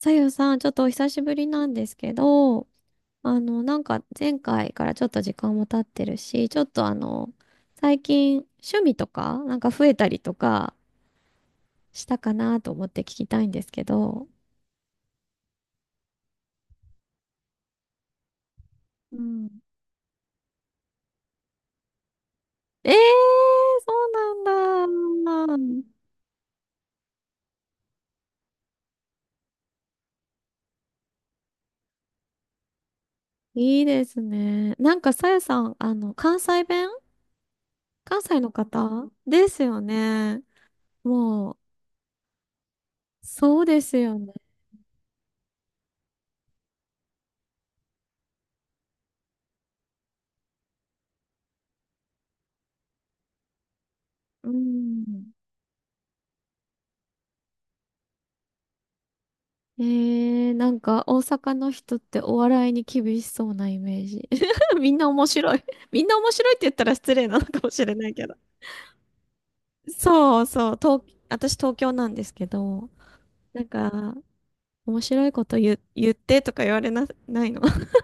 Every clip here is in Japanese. さゆさん、ちょっとお久しぶりなんですけど、前回からちょっと時間も経ってるし、ちょっと最近趣味とか、増えたりとかしたかなと思って聞きたいんですけど。うん。えー、そうなんだ。いいですね。なんかさゆさん、あの、関西弁、関西の方ですよね。もう、そうですよね。うん。えー、なんか大阪の人ってお笑いに厳しそうなイメージ。みんな面白い。みんな面白いって言ったら失礼なのかもしれないけど。そうそう、東、私東京なんですけど、なんか面白いこと言、言ってとか言われな、ないの。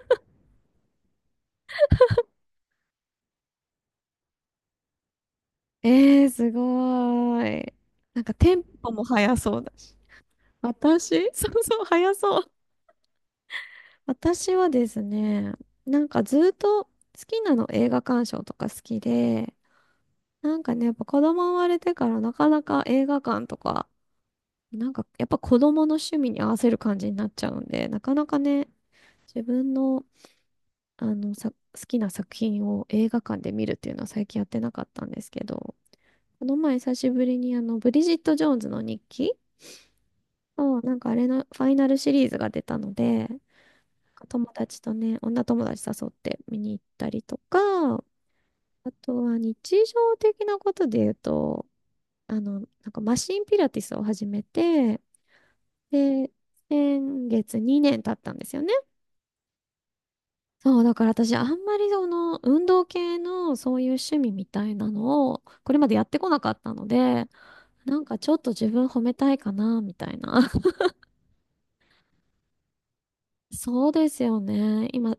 えー、すごーい。なんかテンポも速そうだし。私 そうそう、速そう。私はですね、なんかずっと好きなの映画鑑賞とか好きで、なんかね、やっぱ子供生まれてからなかなか映画館とか、なんかやっぱ子供の趣味に合わせる感じになっちゃうんで、なかなかね、自分の、あのさ、好きな作品を映画館で見るっていうのは最近やってなかったんですけど、この前久しぶりにあの、ブリジット・ジョーンズの日記を、なんかあれのファイナルシリーズが出たので、友達とね、女友達誘って見に行ったりとか、あとは日常的なことで言うと、あの、なんかマシンピラティスを始めて、で、先月2年経ったんですよね。そう、だから私あんまりその運動系のそういう趣味みたいなのをこれまでやってこなかったので、なんかちょっと自分褒めたいかな、みたいな。そうですよね。今、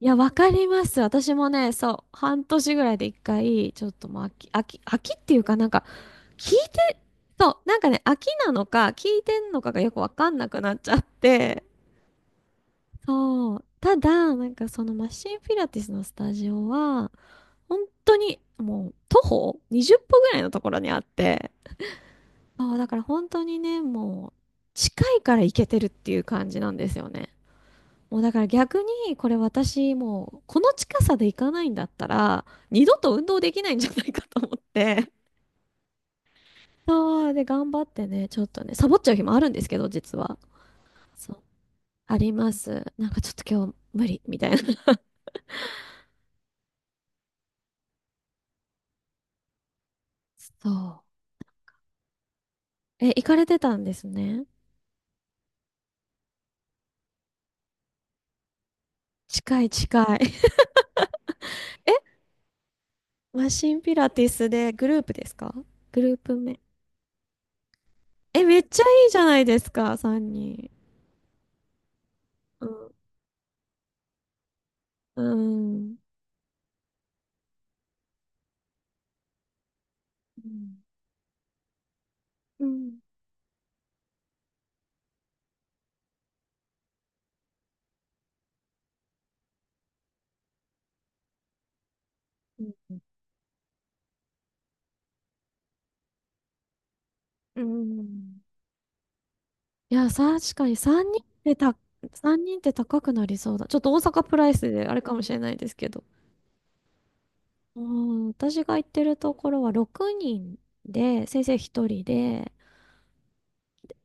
いや、わかります。私もね、そう、半年ぐらいで一回、ちょっともう飽きっていうかなんか、聞いて、そう、なんかね、飽きなのか、聞いてんのかがよくわかんなくなっちゃって、そう。ただ、なんかそのマシンピラティスのスタジオは、本当にもう徒歩20歩ぐらいのところにあって、そう、だから本当にね、もう近いから行けてるっていう感じなんですよね。もうだから逆にこれ私もうこの近さで行かないんだったら二度と運動できないんじゃないかと思って。そう、で頑張ってね、ちょっとね、サボっちゃう日もあるんですけど、実は。そう、あります。なんかちょっと今日無理みたいな。そう。え、行かれてたんですね。近い近い。え、マシンピラティスでグループですか？グループ目。え、めっちゃいいじゃないですか、3人。うん。うん。うん。うん。うん。いや、確かに3人って高くなりそうだ。ちょっと大阪プライスであれかもしれないですけど。うん、私が行ってるところは6人で、先生1人で、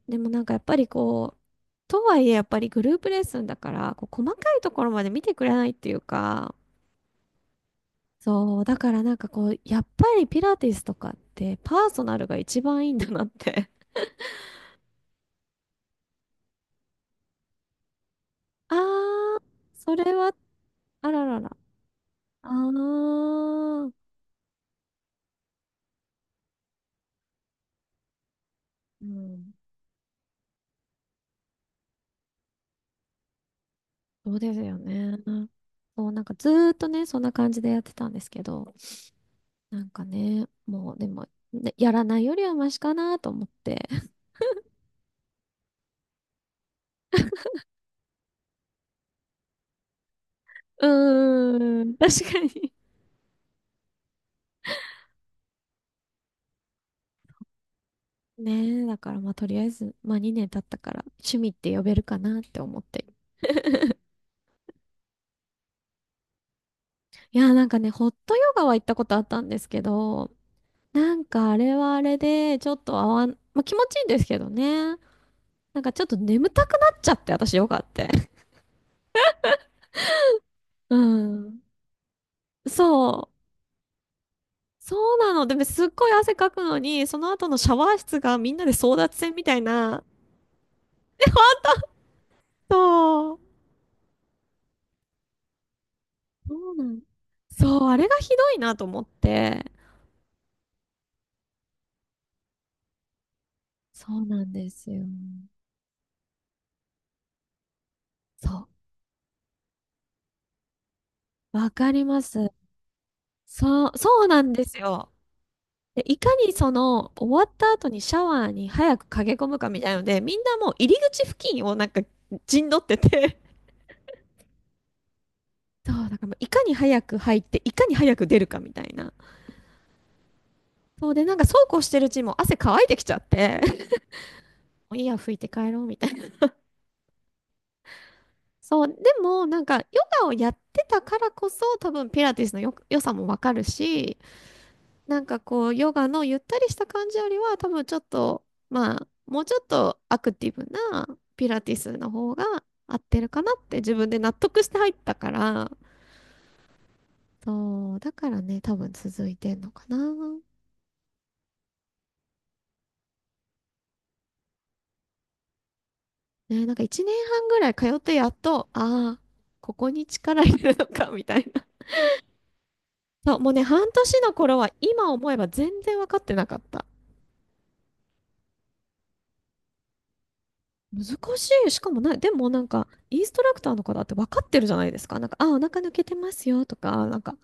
でもなんかやっぱりこう、とはいえやっぱりグループレッスンだから、こう細かいところまで見てくれないっていうか、そう、だからなんかこう、やっぱりピラティスとかってパーソナルが一番いいんだなって。あー、それは、あららら。あー、うん、そうですよね。そう、なんかずーっとね、そんな感じでやってたんですけど、なんかね、もうでも、ねやらないよりはマシかなと思って。うーん、確かに。ねえ、だからまあとりあえず、まあ2年経ったから趣味って呼べるかなって思って。いや、なんかね、ホットヨガは行ったことあったんですけど、なんかあれはあれで、ちょっと合わん、まあ気持ちいいんですけどね。なんかちょっと眠たくなっちゃって、私ヨガって。うん。そう。そうなの。でもすっごい汗かくのに、その後のシャワー室がみんなで争奪戦みたいな。そう。そうなん。そう、あれがひどいなと思って。そうなんですよ。そう。わかります。そう、そうなんですよ。で、いかにその終わった後にシャワーに早く駆け込むかみたいので、みんなもう入り口付近をなんか陣取ってて、そう、だからもういかに早く入って、いかに早く出るかみたいな。そうで、なんかそうこうしてるうちにもう汗乾いてきちゃって、もういいや、拭いて帰ろうみたいな。そう、でもなんかヨガをやってたからこそ多分ピラティスのよ、良さもわかるし、なんかこう、ヨガのゆったりした感じよりは、多分ちょっと、まあ、もうちょっとアクティブなピラティスの方が合ってるかなって自分で納得して入ったから、そう、だからね、多分続いてんのかな。ね、なんか1年半ぐらい通ってやっと、ああ、ここに力入れるのか、みたいな。そう、もうね、半年の頃は今思えば全然分かってなかった。難しい。しかもなでもなんか、インストラクターの方って分かってるじゃないですか。なんか、あ、お腹抜けてますよとか、なんか、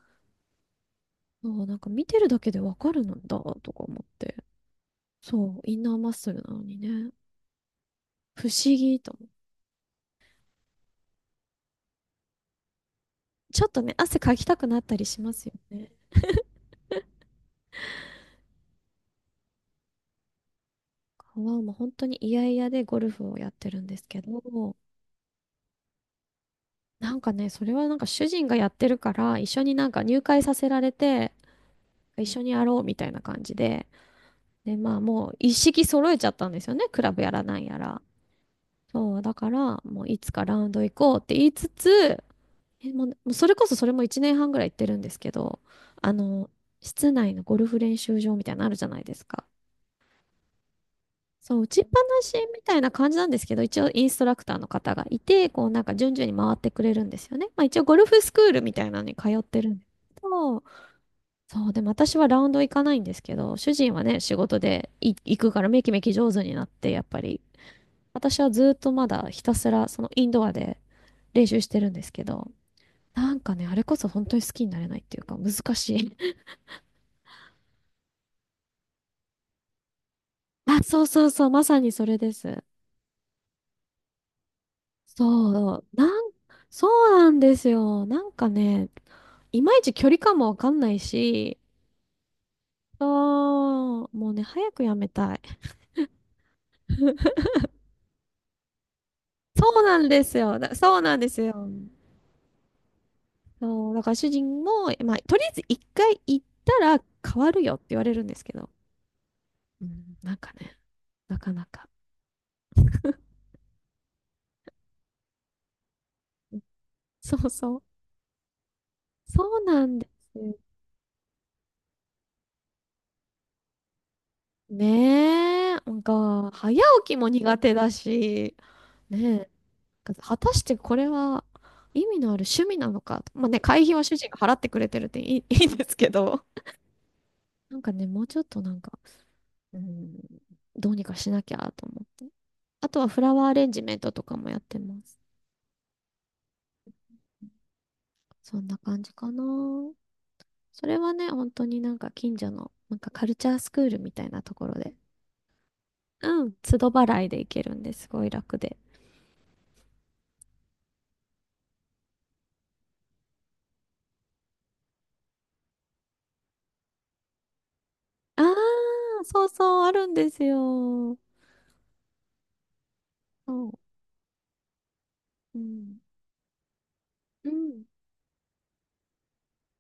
そう、なんか見てるだけでわかるんだとか思って。そう、インナーマッスルなのにね。不思議と思う。ちょっとね、汗かきたくなったりしますよね。はもう本当に嫌々でゴルフをやってるんですけど、なんかね、それはなんか主人がやってるから、一緒になんか入会させられて、一緒にやろうみたいな感じで、で、まあもう一式揃えちゃったんですよね。クラブやらなんやら。そう、だから、もういつかラウンド行こうって言いつつ、え、もうそれこそそれも1年半ぐらい行ってるんですけど、あの、室内のゴルフ練習場みたいなのあるじゃないですか。そう、打ちっぱなしみたいな感じなんですけど、一応インストラクターの方がいて、こうなんか順々に回ってくれるんですよね。まあ一応ゴルフスクールみたいなのに通ってるんですけど、そう、でも私はラウンド行かないんですけど、主人はね、仕事で行くからめきめき上手になって、やっぱり、私はずっとまだひたすらそのインドアで練習してるんですけど、なんかね、あれこそ本当に好きになれないっていうか、難しい。あ、そうそうそう、まさにそれです。そう、そうなんですよ。なんかね、いまいち距離感もわかんないし、そう、もうね、早くやめたい。そうなんですよ。だそうなんですよ。そう、だから主人も、まあ、とりあえず一回行ったら変わるよって言われるんですけど、うん、なんかね、なかなか。そうそう。そうなんですよ。ねえ、なんか、早起きも苦手だし、ねえ、果たしてこれは意味のある趣味なのか。まあね、会費は主人が払ってくれてるっていい、いいんですけど。なんかね、もうちょっとなんか、うん、どうにかしなきゃと思って。あとはフラワーアレンジメントとかもやってます。そんな感じかな。それはね、本当になんか近所の、なんかカルチャースクールみたいなところで、うん、都度払いで行けるんですごい楽で。ああ、そうそう、あるんですよ。そう。うん。うん。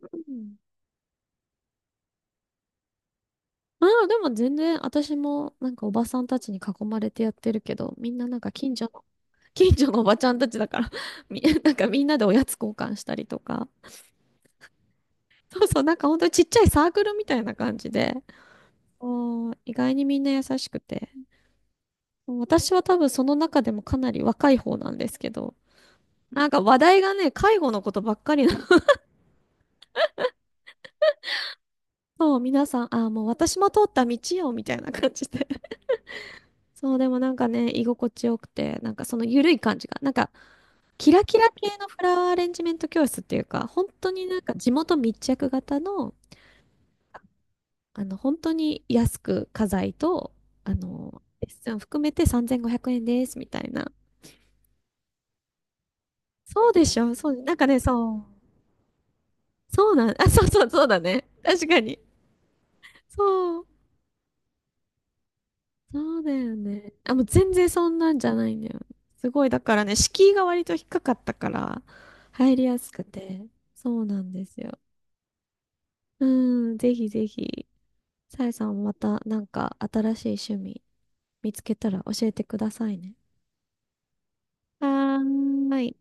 うん。まあ、でも全然、私も、なんかおばさんたちに囲まれてやってるけど、みんななんか近所の、近所のおばちゃんたちだから なんかみんなでおやつ交換したりとか。そうそう、なんか本当にちっちゃいサークルみたいな感じで、おー、意外にみんな優しくて。私は多分その中でもかなり若い方なんですけど、なんか話題がね、介護のことばっかり。そう、皆さん、あー、もう私も通った道よ、みたいな感じで。そう、でもなんかね、居心地よくて、なんかその緩い感じが、なんか、キラキラ系のフラワーアレンジメント教室っていうか、本当になんか地元密着型の、あの、本当に安く家財と、あの、レッスン含めて3500円です、みたいな。そうでしょ、そう、なんかね、そう、そうなん、あ、そうそう、そうだね。確かに。そう。そうだよね。あ、もう全然そんなんじゃないんだよ。すごい、だからね、敷居が割と低かったから、入りやすくて、そうなんですよ。うん、ぜひぜひ、さえさんまたなんか新しい趣味見つけたら教えてくださいね。はーい。